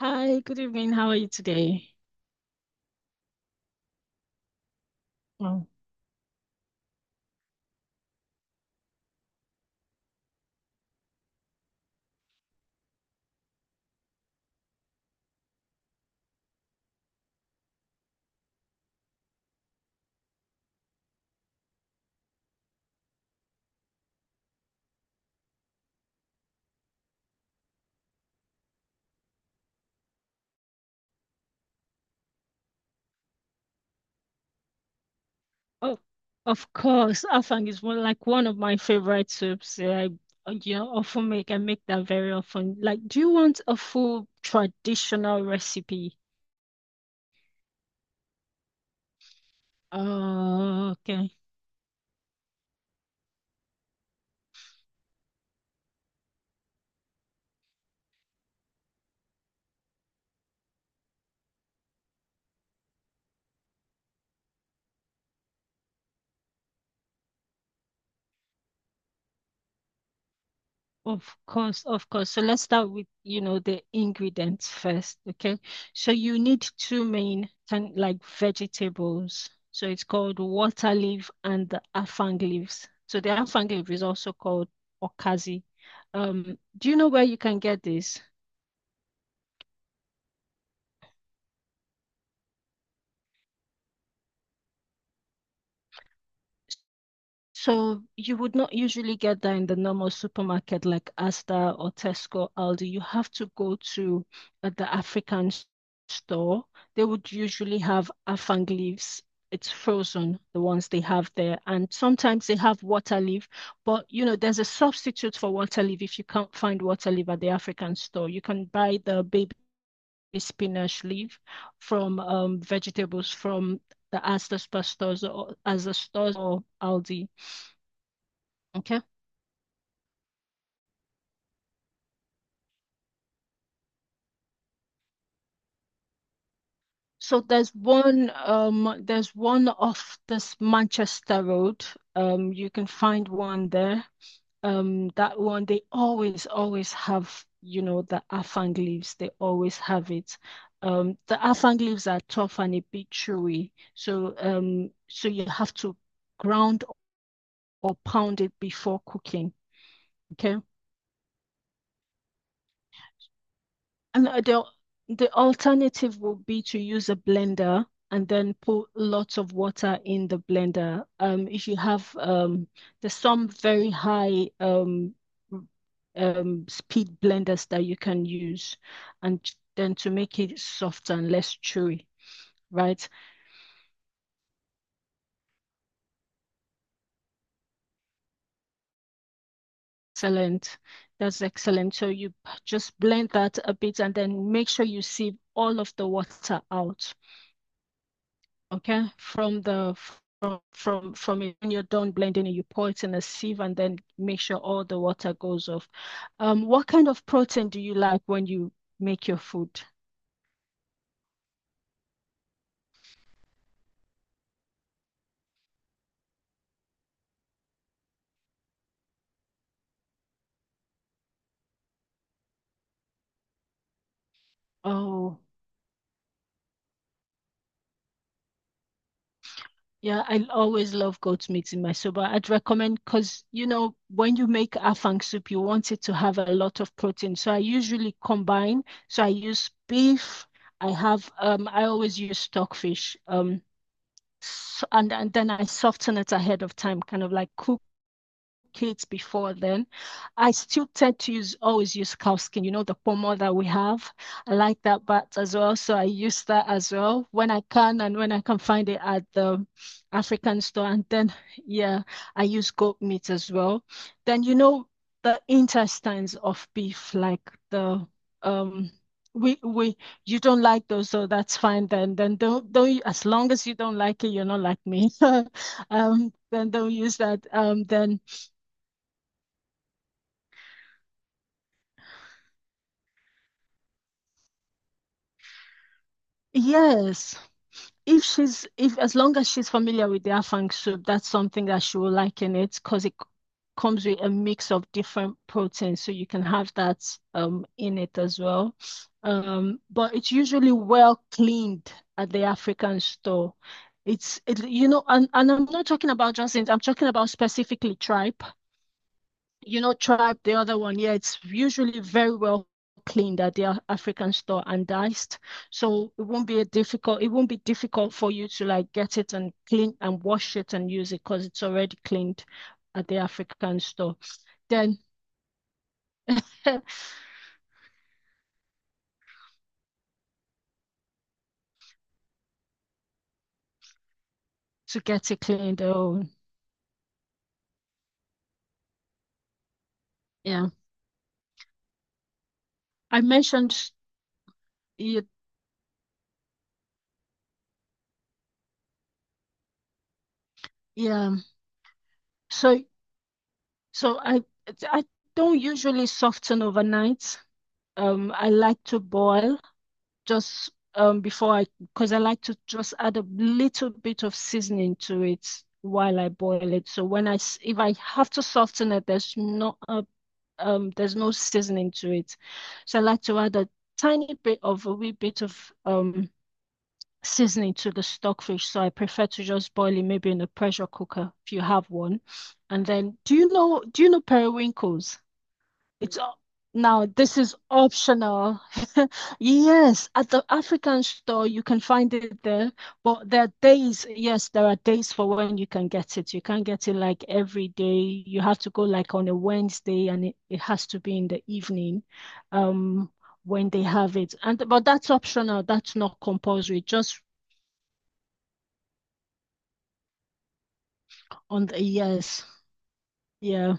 Hi, good evening. How are you today? Oh, Oh, of course. Afang is one of my favorite soups. Yeah, I, you know, often make I make that very often. Like, do you want a full traditional recipe? Oh, okay. Of course. So let's start with, you know, the ingredients first, okay? So you need two main kind like vegetables. So it's called water leaf and the afang leaves. So the afang leaf is also called okazi. Do you know where you can get this? So you would not usually get that in the normal supermarket like Asda or Tesco, Aldi. You have to go to the store. They would usually have afang leaves. It's frozen, the ones they have there. And sometimes they have water leaf, but you know, there's a substitute for water leaf if you can't find water leaf at the African store. You can buy the baby spinach leaf from vegetables from the Asda stores or Aldi. Okay. So there's one off this Manchester Road. You can find one there. That one they always have, you know, the afang leaves. They always have it. The afang leaves are tough and a bit chewy. So you have to ground or pound it before cooking. Okay. And the alternative would be to use a blender and then put lots of water in the blender. If you have there's some very high speed blenders that you can use, and then to make it softer and less chewy, right? Excellent. That's excellent. So you just blend that a bit and then make sure you sieve all of the water out. Okay, from the from it when you're done blending it, you pour it in a sieve and then make sure all the water goes off. What kind of protein do you like when you make your food? Oh, yeah, I always love goat meat in my soup. I'd recommend, because you know, when you make afang soup, you want it to have a lot of protein. So I usually combine, so I use beef. I always use stockfish. And then I soften it ahead of time, kind of like cook kids before then. I still tend to use always use cow skin, you know, the pomo that we have. I like that bat as well. So I use that as well when I can and when I can find it at the African store. And then yeah, I use goat meat as well. Then you know the intestines of beef, like the um we you don't like those, so that's fine then. Then don't As long as you don't like it, you're not like me. Then don't use that. Then Yes, if she's if as long as she's familiar with the afang soup, that's something that she will like in it, because it comes with a mix of different proteins, so you can have that in it as well. But it's usually well cleaned at the African store. You know, and I'm not talking about just it, I'm talking about specifically tripe, you know, tribe, the other one, yeah, it's usually very well cleaned at the African store and diced. So it won't be a difficult, it won't be difficult for you to like get it and clean and wash it and use it, because it's already cleaned at the African store. Then to get it cleaned, oh yeah. I mentioned it, yeah. So so I don't usually soften overnight. I like to boil just before I, because I like to just add a little bit of seasoning to it while I boil it. So when I, if I have to soften it, there's not a there's no seasoning to it. So I like to add a tiny bit of a wee bit of seasoning to the stockfish. So I prefer to just boil it maybe in a pressure cooker if you have one. And then do you know periwinkles? It's o- Now this is optional. Yes, at the African store you can find it there, but there are days, yes, there are days for when you can get it. You can't get it like every day. You have to go like on a Wednesday, and it has to be in the evening, um, when they have it. And but that's optional, that's not compulsory, just on the yes. Yeah.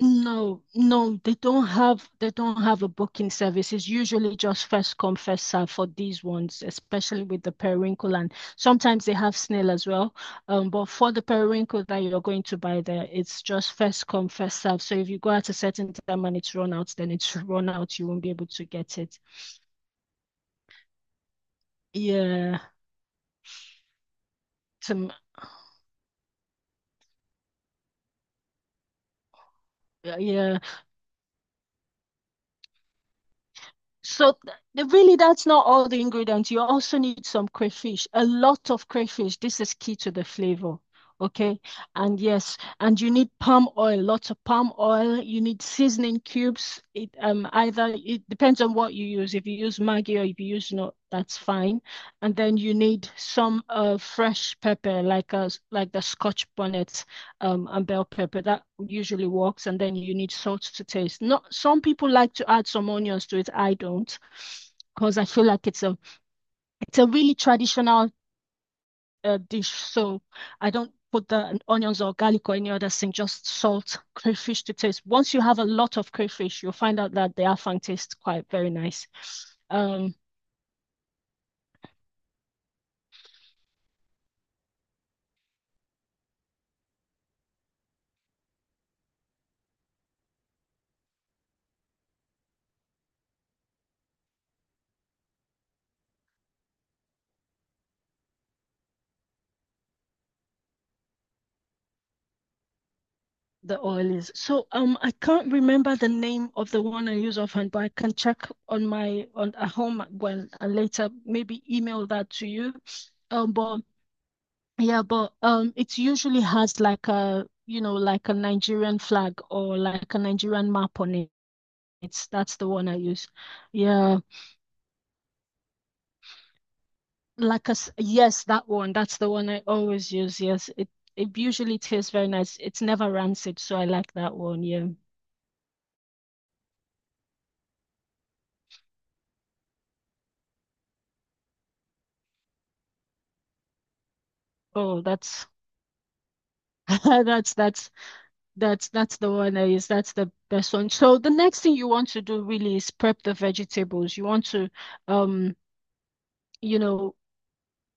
No, no, they don't have a booking service. It's usually just first come, first serve for these ones, especially with the periwinkle, and sometimes they have snail as well. But for the periwinkle that you're going to buy there, it's just first come, first serve. So if you go at a certain time and it's run out, then it's run out. You won't be able to get it. Yeah, some, yeah. So th- Really, that's not all the ingredients. You also need some crayfish, a lot of crayfish. This is key to the flavor. Okay. And yes, and you need palm oil, lots of palm oil. You need seasoning cubes. It Either it depends on what you use. If you use Maggi or if you use not, that's fine. And then you need some fresh pepper, like a like the Scotch bonnet, and bell pepper. That usually works. And then you need salt to taste. Not, some people like to add some onions to it. I don't, because I feel like it's a really traditional, dish. So I don't put the onions or garlic or any other thing. Just salt, crayfish to taste. Once you have a lot of crayfish, you'll find out that the afang tastes quite very nice. Um, The oil is. I can't remember the name of the one I use offhand, but I can check on my on at home when, and later maybe email that to you. But Yeah, but it usually has like a, you know, like a Nigerian flag or like a Nigerian map on it. It's That's the one I use. Yeah. Yes, that one. That's the one I always use. Yes. It usually tastes very nice. It's never rancid, so I like that one, yeah. Oh, that's that's that's that's the one that is that's the best one. So the next thing you want to do really is prep the vegetables. You want to um you know,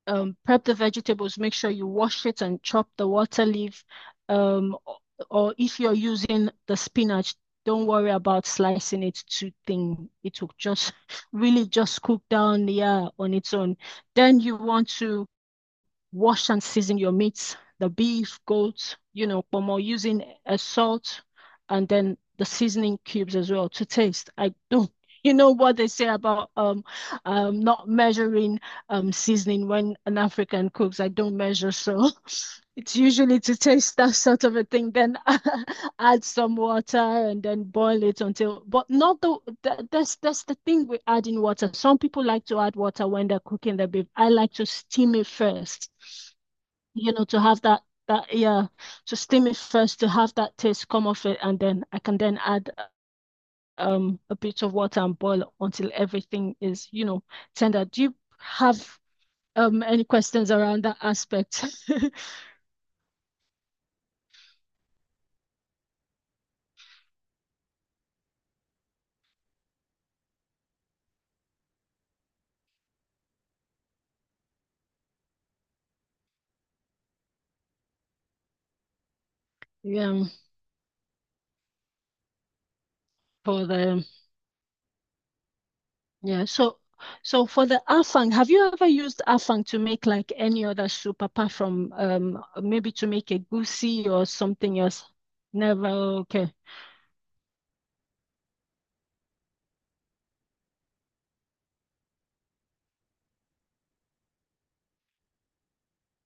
prep the vegetables, make sure you wash it and chop the water leaf. Um o- or if you're using the spinach, don't worry about slicing it too thin. It will just really just cook down, yeah, on its own. Then you want to wash and season your meats, the beef, goat, you know, pomo, using a salt, and then the seasoning cubes as well to taste. I don't, you know what they say about not measuring seasoning when an African cooks. I don't measure, so it's usually to taste, that sort of a thing, then add some water and then boil it until, but not the, the, that's the thing with adding water. Some people like to add water when they're cooking the beef. I like to steam it first, you know, to have that that yeah, to steam it first to have that taste come off it, and then I can then add a bit of water and boil until everything is, you know, tender. Do you have any questions around that aspect? Yeah, for the Yeah, so, so for the afang, have you ever used afang to make like any other soup apart from maybe to make a goosey or something else? Never. Okay.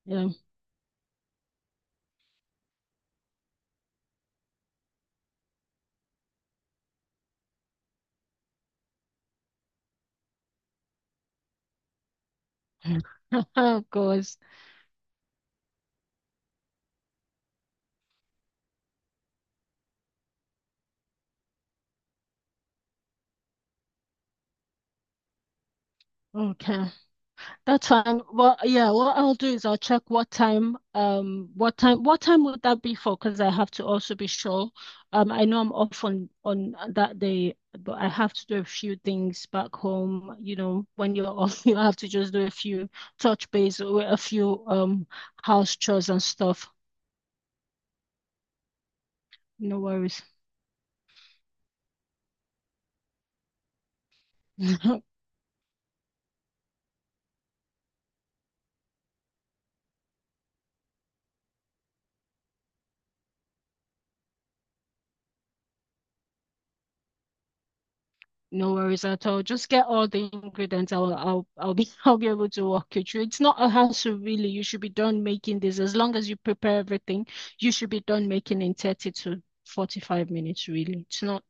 Yeah. Of course. Okay. That time, well, yeah, what I'll do is I'll check what time, what time would that be for? Because I have to also be sure. I know I'm off on that day, but I have to do a few things back home. You know, when you're off, you have to just do a few, touch base with a few house chores and stuff. No worries. No worries at all. Just get all the ingredients. I'll be I'll be able to walk you through. It's not a hassle really. You should be done making this. As long as you prepare everything, you should be done making in 30 to 45 minutes really. It's not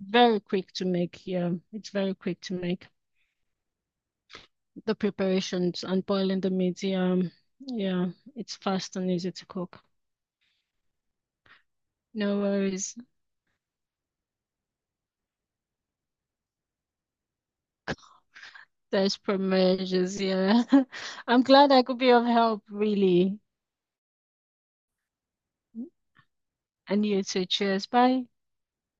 very quick to make. Yeah, it's very quick to make. The preparations and boiling the meat. Yeah, yeah, it's fast and easy to cook. No worries. Desperate measures. Yeah. I'm glad I could be of help really. And you too. Cheers. Bye.